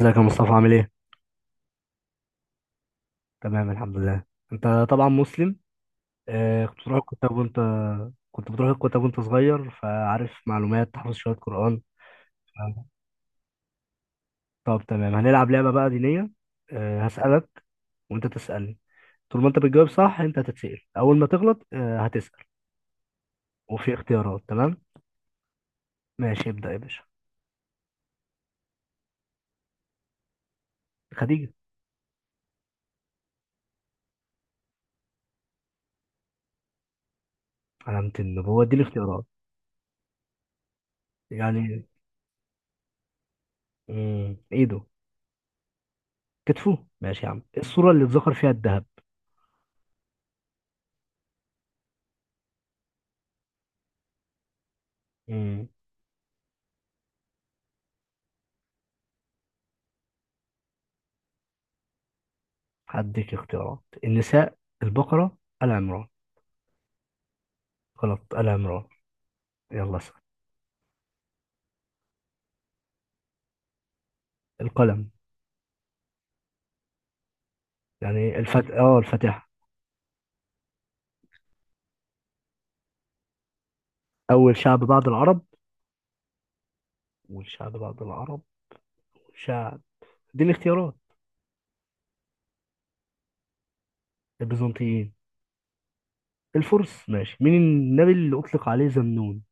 ازيك يا مصطفى عامل ايه؟ تمام، الحمد لله. انت طبعا مسلم. آه، كنت بتروح الكتاب وانت. كنت بتروح الكتاب وانت صغير فعارف معلومات، تحفظ شوية قرآن. طب تمام، هنلعب لعبة بقى دينية. آه، هسألك وانت تسألني. طول ما انت بتجاوب صح انت هتتسأل، اول ما تغلط هتسأل. وفي اختيارات تمام؟ ماشي، ابدأ يا باشا. خديجة. علامة النبوة دي الاختيارات. يعني. مم. ايده. كتفه. ماشي يا عم، الصورة اللي اتذكر فيها الذهب. مم. هديك اختيارات. النساء، البقرة، آل عمران. غلط، آل عمران. يلا اسأل. القلم. يعني الفت اه الفاتحة. أول شعب بعد العرب. والشعب بعد العرب. شعب. دي الاختيارات. البيزنطيين. الفرس. ماشي، مين النبي اللي أطلق عليه ذنون؟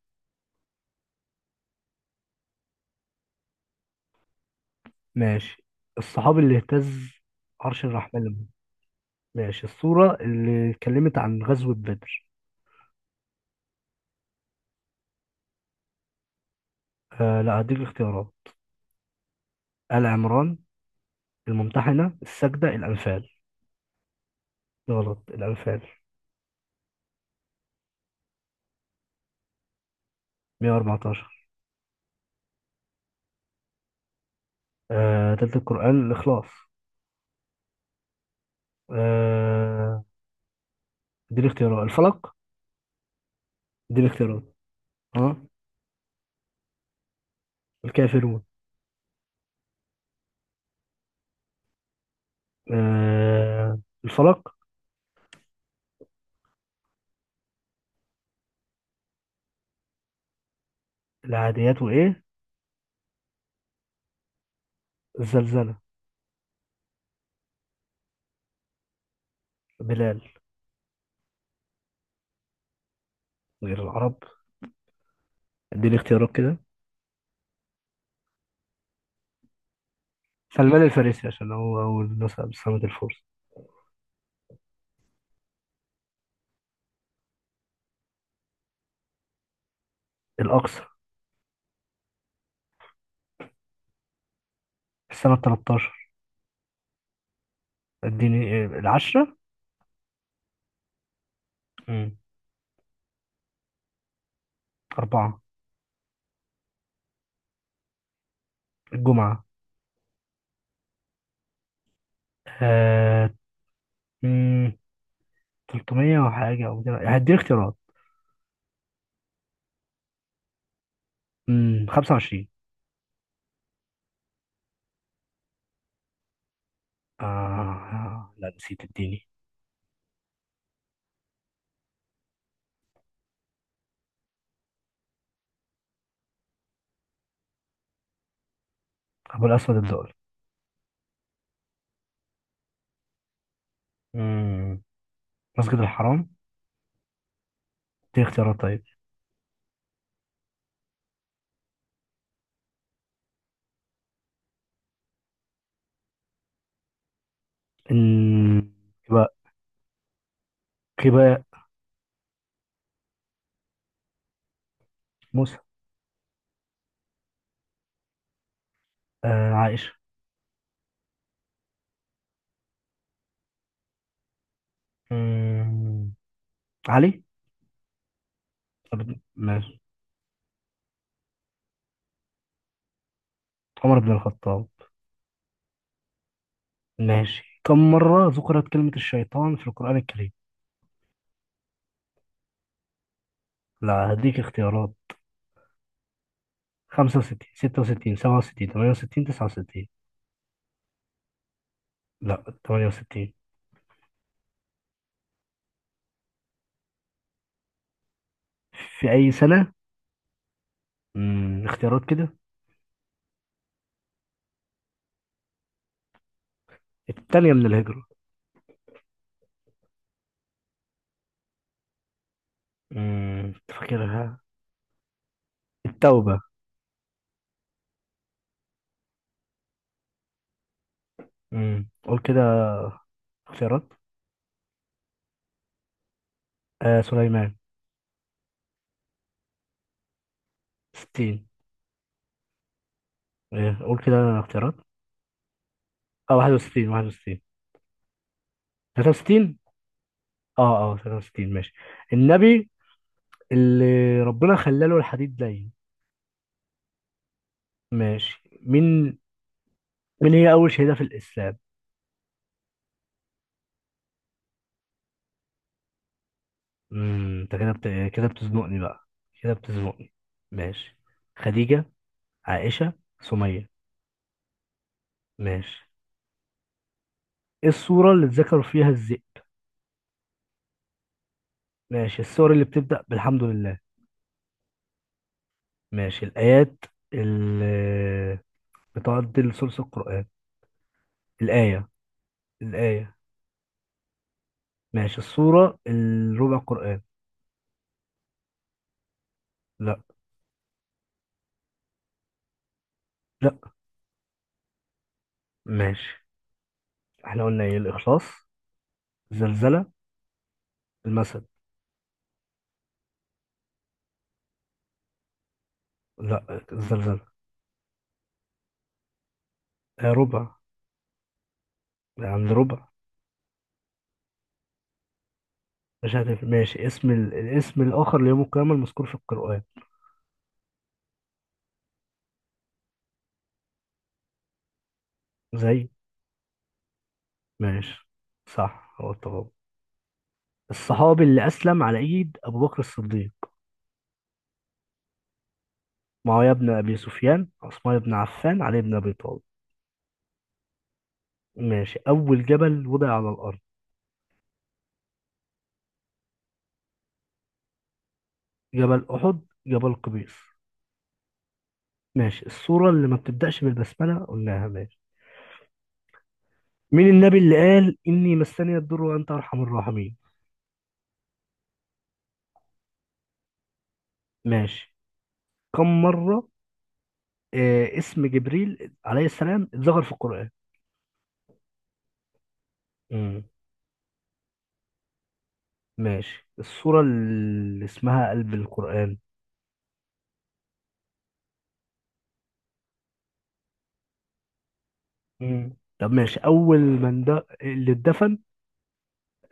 ماشي. الصحابي اللي اهتز عرش الرحمن ماشي، السورة اللي اتكلمت عن غزوة بدر. آه لا، هديك اختيارات. آل عمران، الممتحنة، السجدة، الأنفال. غلط، الأنفال. 114. آه، تلت القرآن الإخلاص. آه. دي الاختيارات. الفلق. دي الاختيارات. اه. الكافرون. آه. الفلق. العاديات وإيه؟ الزلزلة. بلال. غير العرب. دي الاختيارات كده. سلمان الفارسي، عشان هو أول نسأ بسنة الفرس. الأقصى. السنة 13. اديني العشرة. مم. أربعة. الجمعة. آه. مم، 300 وحاجة أو كده، هدي اختيارات. 25. لا، نسيت اديني. ابو الاسود الدؤلي. امم مسجد الحرام. دي اختيارات طيب. إن- يبقى يبقى. موسى. آه، عائشة. امم علي. طب ماشي، عمر بن الخطاب. ماشي، كم مرة ذكرت كلمة الشيطان في القرآن الكريم؟ لا، هديك اختيارات. 65، 66، 67، 68، 69. لا، 68. في أي سنة؟ مم. اختيارات كده. التانية من الهجرة. تفكرها. التوبة. قول كده اختيارات. آه، سليمان. 60. آه، قول كده اختيارات. اه 61. 63. اه 63. ماشي. النبي اللي ربنا خلاله الحديد لين. ماشي مين. مين هي أول شهيدة في الإسلام؟ انت كده بتزنقني بقى. كده بتزنقني. ماشي. خديجة، عائشة، سمية. ماشي. ايه السورة اللي اتذكر فيها الذئب؟ ماشي، السور اللي بتبدأ بالحمد لله. ماشي، الآيات اللي بتعدل ثلث القرآن. الآية. الآية. ماشي، السورة الربع قرآن. لا. لا. ماشي، احنا قلنا ايه؟ الإخلاص. زلزلة. المثل. لا، الزلزلة. آه، ربع. عند ربع. مش هتفرق. ماشي، اسم الاسم الآخر ليوم القيامة المذكور في القرآن. زي. ماشي، صح هو التغابن. الصحابي اللي أسلم على إيد أبو بكر الصديق. معاوية بن أبي سفيان، عثمان بن عفان، علي بن أبي طالب. ماشي، أول جبل وضع على الأرض. جبل أحد، جبل قبيس. ماشي، السورة اللي ما بتبدأش بالبسملة قلناها. ماشي، مين النبي اللي قال إني مسني الضر وأنت أرحم الراحمين؟ ماشي. كم مرة اسم جبريل عليه السلام اتذكر في القرآن؟ مم. ماشي، السورة اللي اسمها قلب القرآن. مم. طب ماشي، أول من ده اللي اتدفن.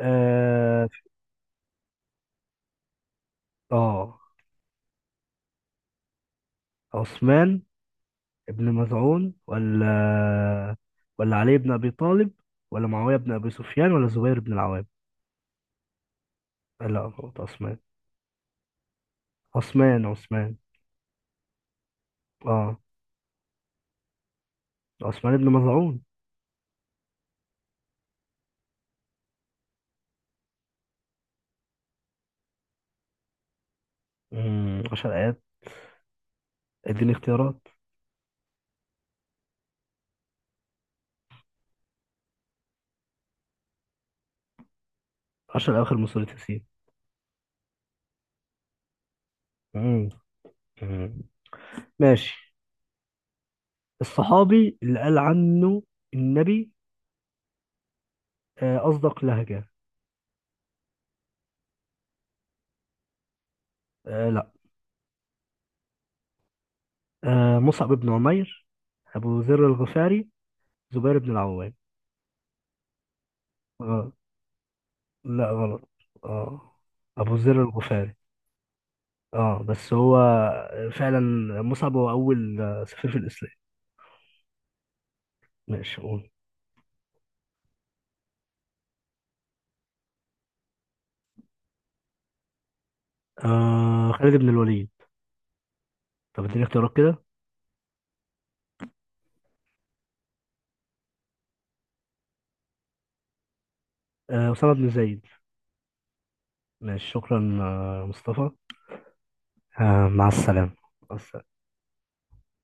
آه، آه. عثمان ابن مزعون ولا علي بن أبي طالب ولا معاوية بن أبي سفيان ولا زبير بن العوام. لا غلط، عثمان. عثمان، عثمان. اه، عثمان بن مظعون. 10 آيات. اديني اختيارات. 10 أواخر من سورة ياسين. امم. أمم. ماشي، الصحابي اللي قال عنه النبي أصدق لهجة. آه لا. آه، مصعب بن عمير، أبو ذر الغفاري، زبير بن العوام. آه لا غلط. آه، أبو ذر الغفاري. آه بس هو فعلا. مصعب هو أول سفير في الإسلام. ماشي قول. آه، خالد بن الوليد. طب اديني اختيارات كده. آه، أسامة بن زيد. ماشي شكرا مصطفى. مع السلامة.